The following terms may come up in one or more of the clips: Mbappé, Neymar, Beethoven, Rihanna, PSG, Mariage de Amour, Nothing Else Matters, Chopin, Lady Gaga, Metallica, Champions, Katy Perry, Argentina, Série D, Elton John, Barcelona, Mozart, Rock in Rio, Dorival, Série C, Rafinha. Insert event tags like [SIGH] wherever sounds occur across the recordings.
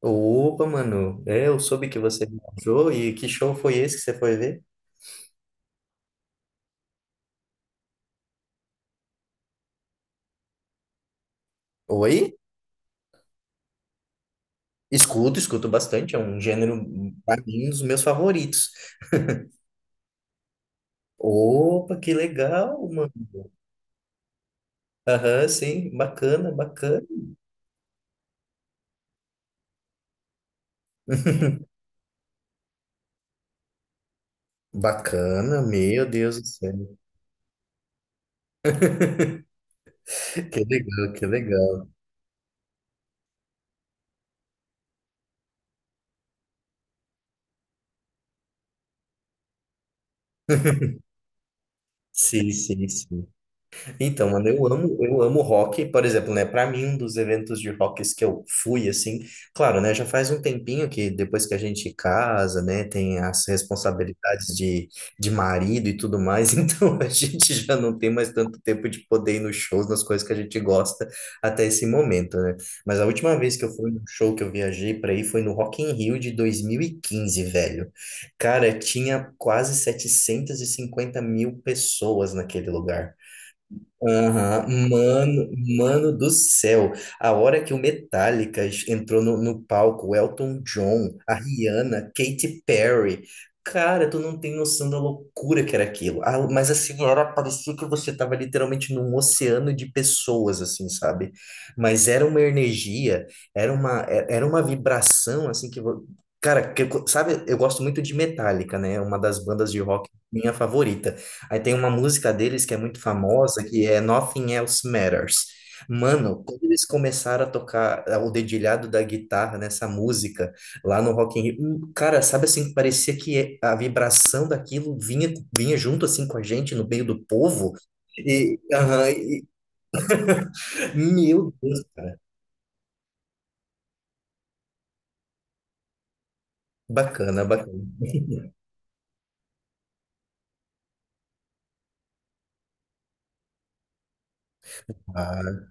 Opa, mano, eu soube que você viajou e que show foi esse que você foi ver? Oi? Escuto, escuto bastante, é um gênero, pra mim, um dos meus favoritos. Opa, que legal, mano. Aham, sim, bacana, bacana. [LAUGHS] Bacana, meu Deus do céu. Que legal, que legal. Sim, sim, sim. Então, mano, eu amo rock, por exemplo, né? Para mim, um dos eventos de rocks que eu fui, assim, claro, né? Já faz um tempinho que depois que a gente casa, né? Tem as responsabilidades de marido e tudo mais, [LAUGHS] então a gente já não tem mais tanto tempo de poder ir nos shows, nas coisas que a gente gosta até esse momento, né? Mas a última vez que eu fui num show que eu viajei para ir foi no Rock in Rio de 2015 velho. Cara, tinha quase 750 mil pessoas naquele lugar. Aham, mano, mano do céu, a hora que o Metallica entrou no palco, o Elton John, a Rihanna, Katy Perry, cara, tu não tem noção da loucura que era aquilo. Ah, mas assim, era, parecia que você tava literalmente num oceano de pessoas, assim, sabe? Mas era uma energia, era uma, era uma vibração, assim, que, cara, que, sabe, eu gosto muito de Metallica, né? É uma das bandas de rock minha favorita. Aí tem uma música deles que é muito famosa, que é Nothing Else Matters. Mano, quando eles começaram a tocar o dedilhado da guitarra nessa música, lá no Rock in Rio, cara, sabe assim, parecia que a vibração daquilo vinha, vinha junto assim com a gente, no meio do povo. E, aham, e- meu Deus, cara, bacana, bacana. [LAUGHS]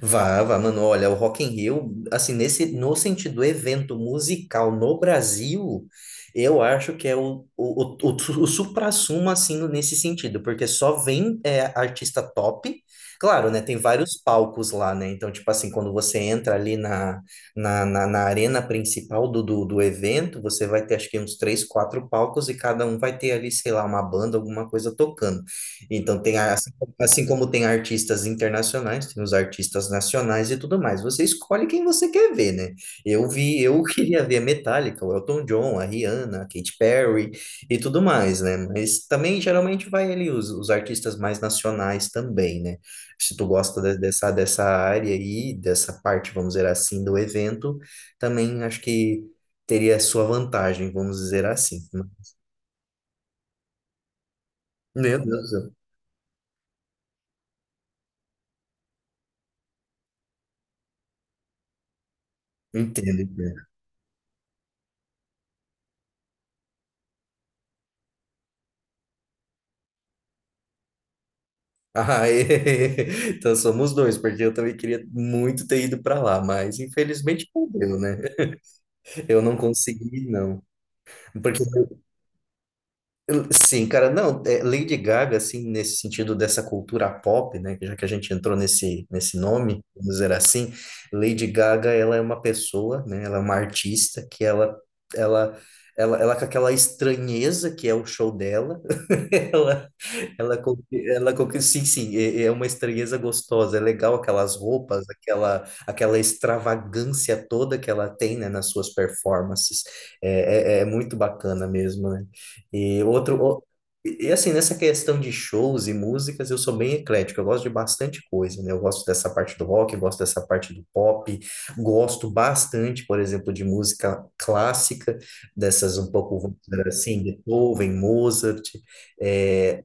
Vá, vá, mano, olha, o Rock in Rio, assim, nesse, no sentido evento musical no Brasil, eu acho que é o suprassumo, assim, nesse sentido, porque só vem artista top, claro, né, tem vários palcos lá, né, então, tipo assim, quando você entra ali na, na arena principal do evento, você vai ter, acho que uns três, quatro palcos e cada um vai ter ali, sei lá, uma banda, alguma coisa tocando. Então, tem a Assim como tem artistas internacionais, tem os artistas nacionais e tudo mais. Você escolhe quem você quer ver, né? Eu vi, eu [LAUGHS] queria ver a Metallica, o Elton John, a Rihanna, a Katy Perry e tudo mais, né? Mas também geralmente vai ali os artistas mais nacionais também, né? Se tu gosta dessa, dessa área aí, dessa parte, vamos dizer assim, do evento, também acho que teria sua vantagem, vamos dizer assim. Meu Deus, eu entendo. Ah, [LAUGHS] então somos dois, porque eu também queria muito ter ido para lá, mas infelizmente não deu, né? Eu não consegui, não. Porque, sim, cara, não, Lady Gaga, assim, nesse sentido dessa cultura pop, né? Que já que a gente entrou nesse, nesse nome, vamos dizer assim, Lady Gaga, ela é uma pessoa, né? Ela é uma artista que ela, ela com aquela estranheza que é o show dela, [LAUGHS] Ela, ela, sim, sim, é, é uma estranheza gostosa, é legal aquelas roupas, aquela, aquela extravagância toda que ela tem, né, nas suas performances, é, é, é muito bacana mesmo, né? E outro, o- e assim, nessa questão de shows e músicas, eu sou bem eclético, eu gosto de bastante coisa, né? Eu gosto dessa parte do rock, gosto dessa parte do pop, gosto bastante, por exemplo, de música clássica, dessas um pouco, vamos dizer assim, Beethoven, Mozart, é,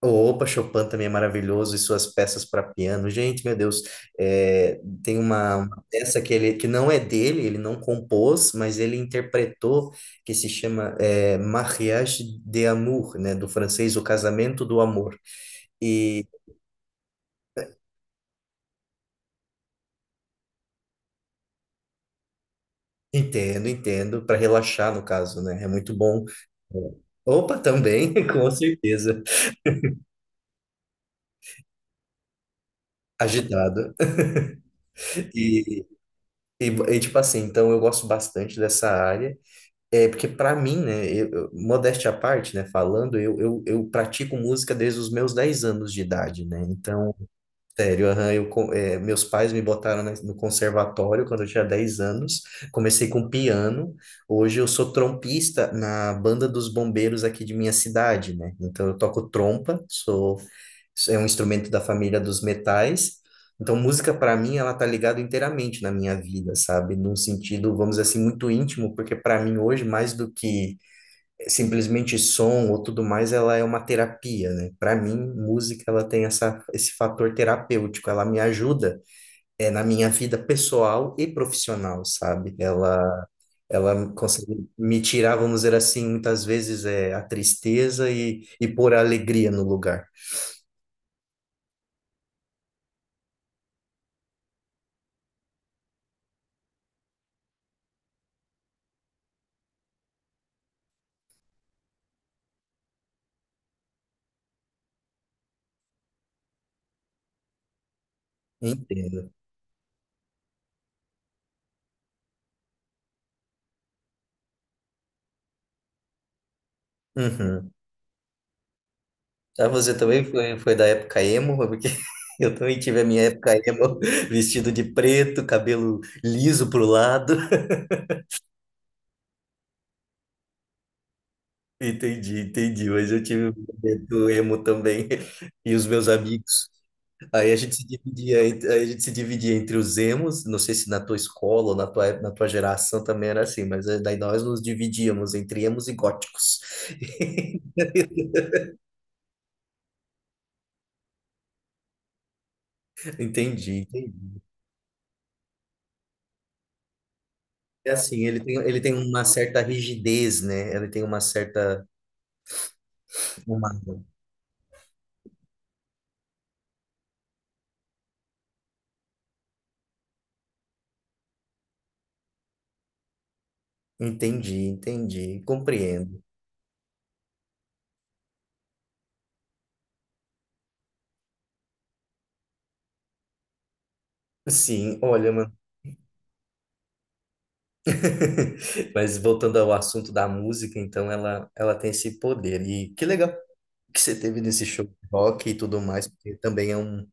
Opa, Chopin também é maravilhoso e suas peças para piano. Gente, meu Deus, tem uma peça que ele que não é dele, ele não compôs, mas ele interpretou, que se chama Mariage de Amour, né, do francês, O Casamento do Amor. E entendo, entendo, para relaxar no caso, né? É muito bom. Opa, também, [LAUGHS] com certeza. Agitado. E, tipo assim, então eu gosto bastante dessa área. É, porque pra mim, né, modéstia à parte, né, falando, eu pratico música desde os meus 10 anos de idade, né, então Sério, aham, meus pais me botaram no conservatório quando eu tinha 10 anos. Comecei com piano. Hoje eu sou trompista na banda dos bombeiros aqui de minha cidade, né? Então eu toco trompa, sou, é um instrumento da família dos metais. Então música para mim ela tá ligada inteiramente na minha vida, sabe? Num sentido, vamos dizer assim, muito íntimo, porque para mim hoje mais do que simplesmente som ou tudo mais, ela é uma terapia, né? Para mim, música ela tem essa, esse fator terapêutico, ela me ajuda na minha vida pessoal e profissional, sabe? Ela consegue me tirar, vamos dizer assim, muitas vezes a tristeza e pôr a alegria no lugar. Entendo. Uhum. Ah, você também foi, foi da época emo, porque [LAUGHS] eu também tive a minha época emo, [LAUGHS] vestido de preto, cabelo liso pro lado. Entendi, entendi. Mas eu tive um momento emo também [LAUGHS] e os meus amigos. Aí a gente se dividia, aí a gente se dividia entre os emos. Não sei se na tua escola ou na tua, na tua geração também era assim, mas daí nós nos dividíamos entre emos e góticos. [LAUGHS] Entendi, entendi. É assim, ele tem uma certa rigidez, né? Ele tem uma certa. Uma- Entendi, entendi. Compreendo. Sim, olha, [LAUGHS] mas voltando ao assunto da música, então ela tem esse poder. E que legal que você teve nesse show de rock e tudo mais, porque também é um.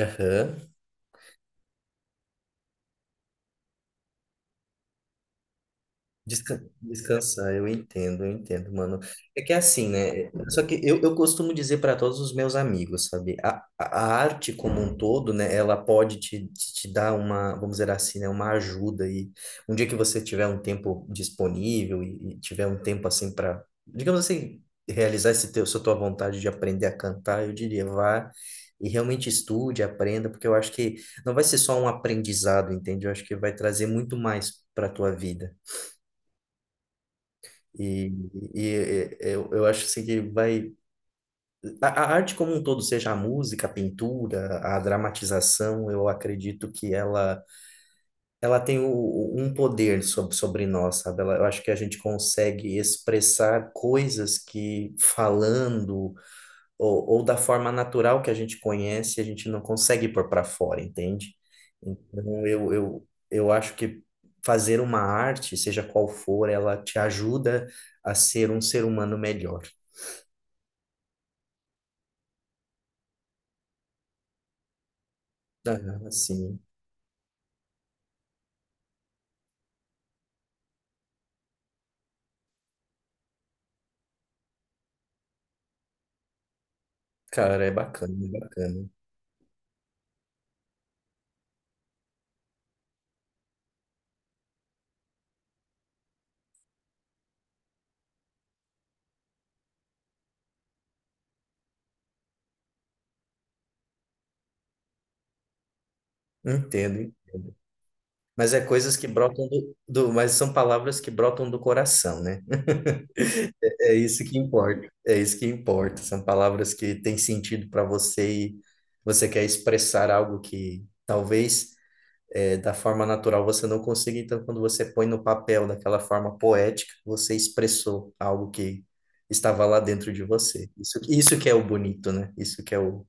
Aham. Desca- Descansar, eu entendo, mano. É que é assim, né? Só que eu costumo dizer para todos os meus amigos, sabe? A arte como um todo, né? Ela pode te, te dar uma, vamos dizer assim, né? Uma ajuda. E um dia que você tiver um tempo disponível e tiver um tempo assim para, digamos assim, realizar esse teu, essa tua vontade de aprender a cantar, eu diria, vá e realmente estude, aprenda, porque eu acho que não vai ser só um aprendizado, entende? Eu acho que vai trazer muito mais para tua vida. E, e eu acho assim que vai. A arte como um todo, seja a música, a pintura, a dramatização, eu acredito que ela tem um poder sobre, sobre nós, sabe? Ela, eu acho que a gente consegue expressar coisas que falando ou da forma natural que a gente conhece, a gente não consegue pôr para fora, entende? Então, eu acho que fazer uma arte, seja qual for, ela te ajuda a ser um ser humano melhor. Ah, sim, cara, é bacana, é bacana. Entendo. Hein? Mas é coisas que brotam do mas são palavras que brotam do coração, né? É isso que importa. É isso que importa. São palavras que têm sentido para você e você quer expressar algo que talvez da forma natural você não consegue, então quando você põe no papel daquela forma poética, você expressou algo que estava lá dentro de você. Isso que é o bonito, né? Isso que é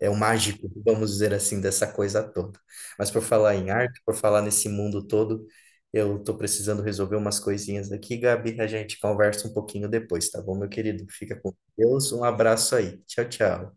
é o mágico, vamos dizer assim, dessa coisa toda. Mas por falar em arte, por falar nesse mundo todo, eu estou precisando resolver umas coisinhas daqui, Gabi, a gente conversa um pouquinho depois, tá bom, meu querido? Fica com Deus, um abraço aí. Tchau, tchau.